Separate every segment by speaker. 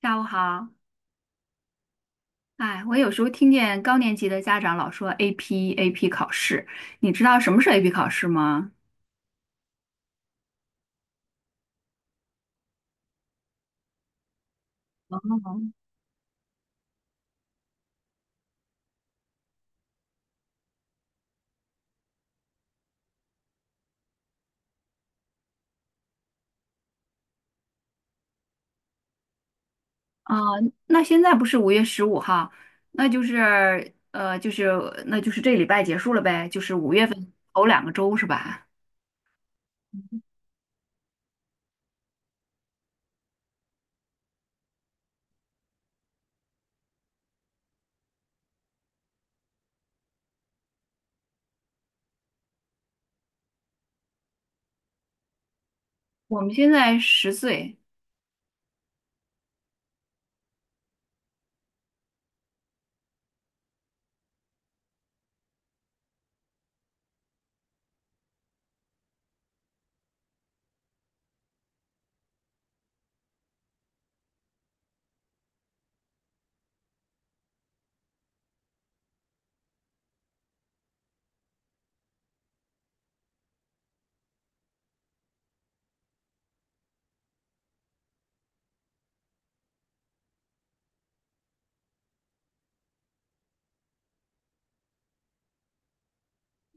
Speaker 1: 下午好，哎，我有时候听见高年级的家长老说 AP 考试，你知道什么是 AP 考试吗？啊、那现在不是5月15号，那就是这礼拜结束了呗，就是五月份头两个周是吧？我们现在10岁。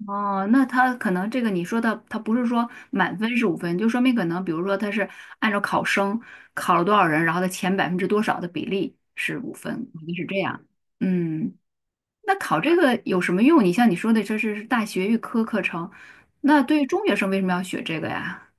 Speaker 1: 哦，那他可能这个你说的，他不是说满分是五分，就说明可能比如说他是按照考生考了多少人，然后他前百分之多少的比例是五分，可能是这样，嗯。那考这个有什么用？你像你说的，这是大学预科课程，那对于中学生为什么要学这个呀？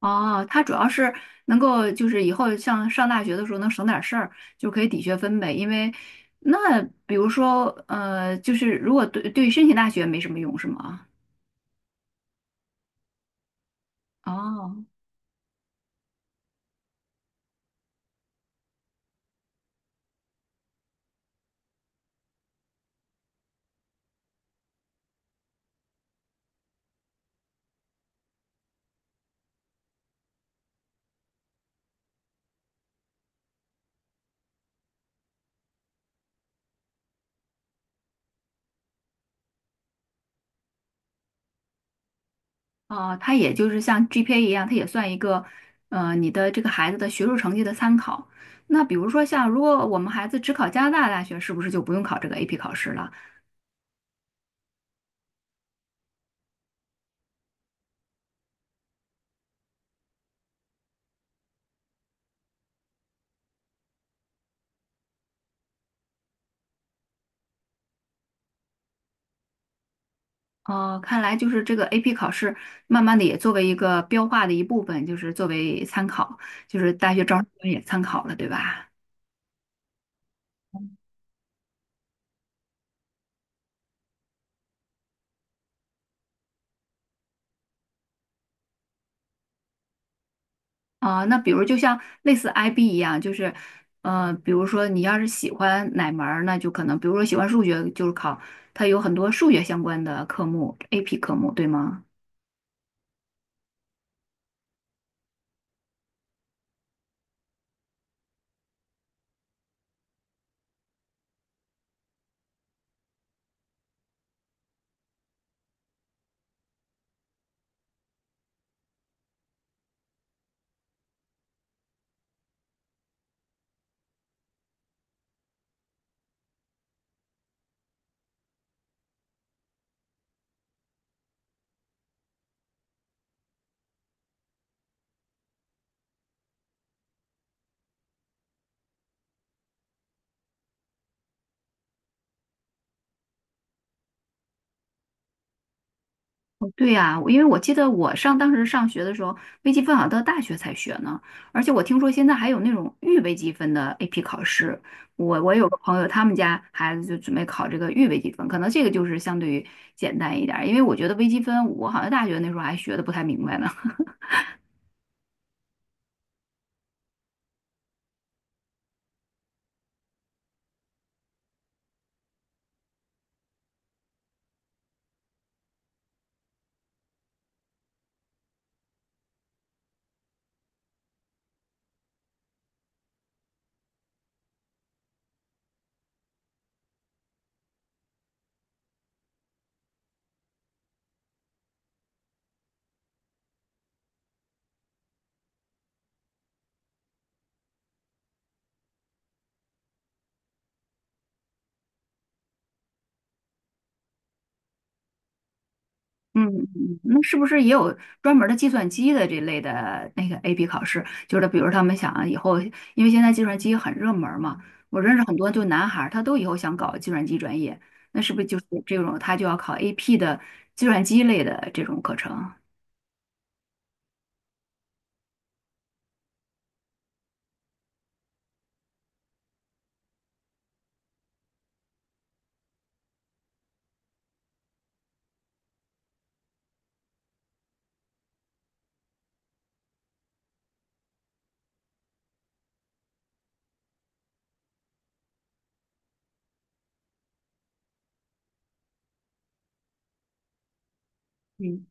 Speaker 1: 哦，它主要是能够就是以后像上大学的时候能省点事儿，就可以抵学分呗。因为那比如说就是如果对于申请大学没什么用是吗？哦哦，它也就是像 GPA 一样，它也算一个你的这个孩子的学术成绩的参考。那比如说像如果我们孩子只考加拿大大学，是不是就不用考这个 AP 考试了？哦，看来就是这个 AP 考试，慢慢的也作为一个标化的一部分，就是作为参考，就是大学招生官也参考了，对吧？啊、那比如就像类似 IB 一样，就是，比如说你要是喜欢哪门儿，那就可能，比如说喜欢数学，就是考它有很多数学相关的科目，AP 科目，对吗？哦对呀，因为我记得当时上学的时候，微积分好像到大学才学呢，而且我听说现在还有那种预微积分的 AP 考试。我有个朋友，他们家孩子就准备考这个预微积分，可能这个就是相对于简单一点儿，因为我觉得微积分我好像大学那时候还学的不太明白呢。嗯。那是不是也有专门儿的计算机的这类的那个 AP 考试？就是比如他们想啊以后，因为现在计算机很热门儿嘛，我认识很多就男孩儿，他都以后想搞计算机专业，那是不是就是这种他就要考 AP 的计算机类的这种课程？嗯。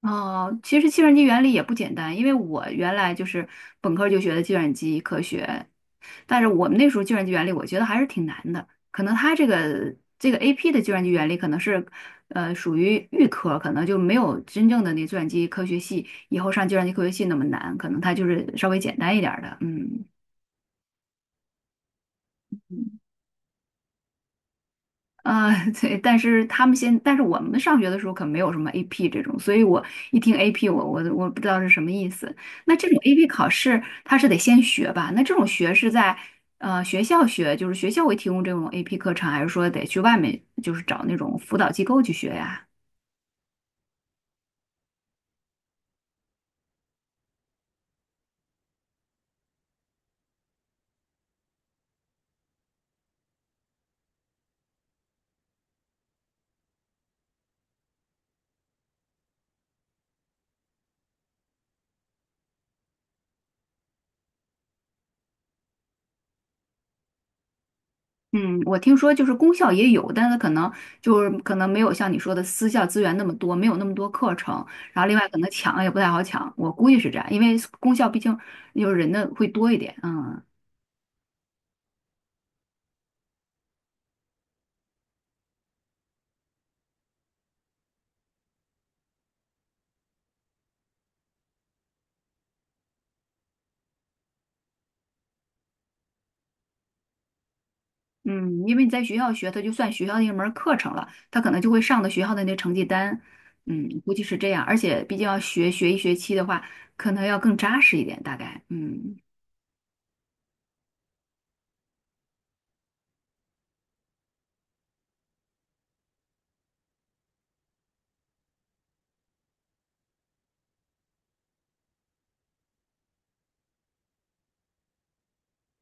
Speaker 1: 哦，其实计算机原理也不简单，因为我原来就是本科儿就学的计算机科学，但是我们那时候计算机原理，我觉得还是挺难的。可能它这个 AP 的计算机原理可能是，属于预科，可能就没有真正的那计算机科学系以后上计算机科学系那么难，可能它就是稍微简单一点儿的。嗯啊，对，但是我们上学的时候可没有什么 AP 这种，所以我一听 AP，我不知道是什么意思。那这种 AP 考试，它是得先学吧？那这种学是在学校学，就是学校会提供这种 AP 课程，还是说得去外面就是找那种辅导机构去学呀？嗯，我听说就是公校也有，但是可能没有像你说的私校资源那么多，没有那么多课程，然后另外可能抢也不太好抢，我估计是这样，因为公校毕竟有人的会多一点，嗯。嗯，因为你在学校学，它就算学校的一门儿课程了，它可能就会上的学校的那成绩单，嗯，估计是这样。而且毕竟要学一学期的话，可能要更扎实一点，大概。嗯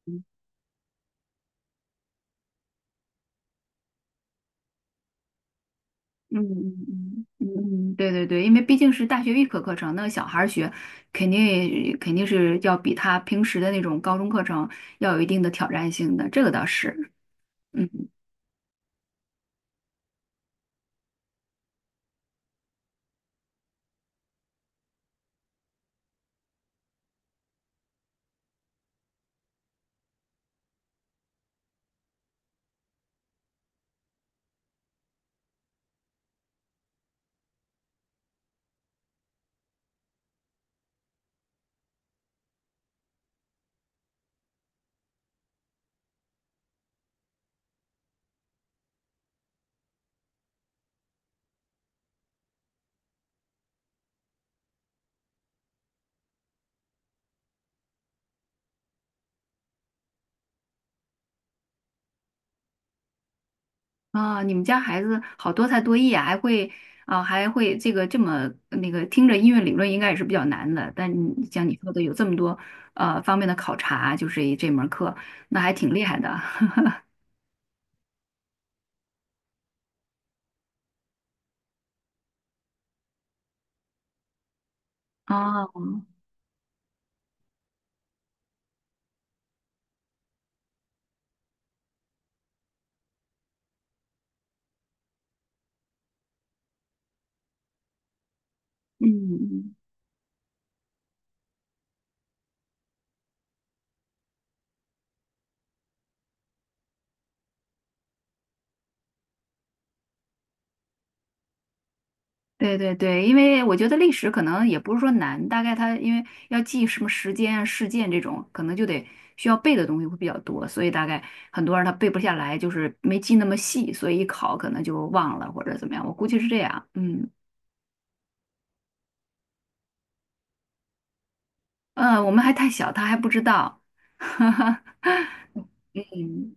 Speaker 1: 嗯嗯嗯嗯，对对对，因为毕竟是大学预科课程，那小孩儿学肯定是要比他平时的那种高中课程要有一定的挑战性的，这个倒是，嗯。啊，你们家孩子好多才多艺啊，还会这个这么那个，听着音乐理论应该也是比较难的，但你像你说的有这么多方面的考察，就是这门课，那还挺厉害的。哦，嗯嗯，对对对，因为我觉得历史可能也不是说难，大概它因为要记什么时间啊、事件这种，可能就得需要背的东西会比较多，所以大概很多人他背不下来，就是没记那么细，所以一考可能就忘了或者怎么样，我估计是这样，嗯。我们还太小，他还不知道。哈哈嗯，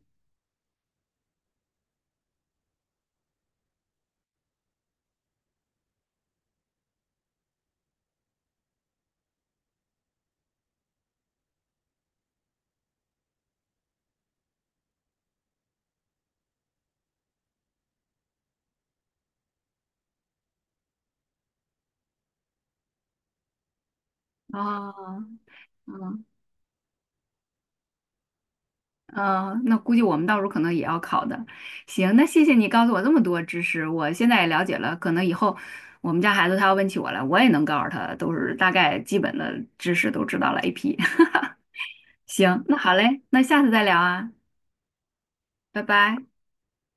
Speaker 1: 哦，嗯嗯，那估计我们到时候可能也要考的。行，那谢谢你告诉我这么多知识，我现在也了解了。可能以后我们家孩子他要问起我来，我也能告诉他，都是大概基本的知识都知道了 AP。行，那好嘞，那下次再聊啊，拜拜。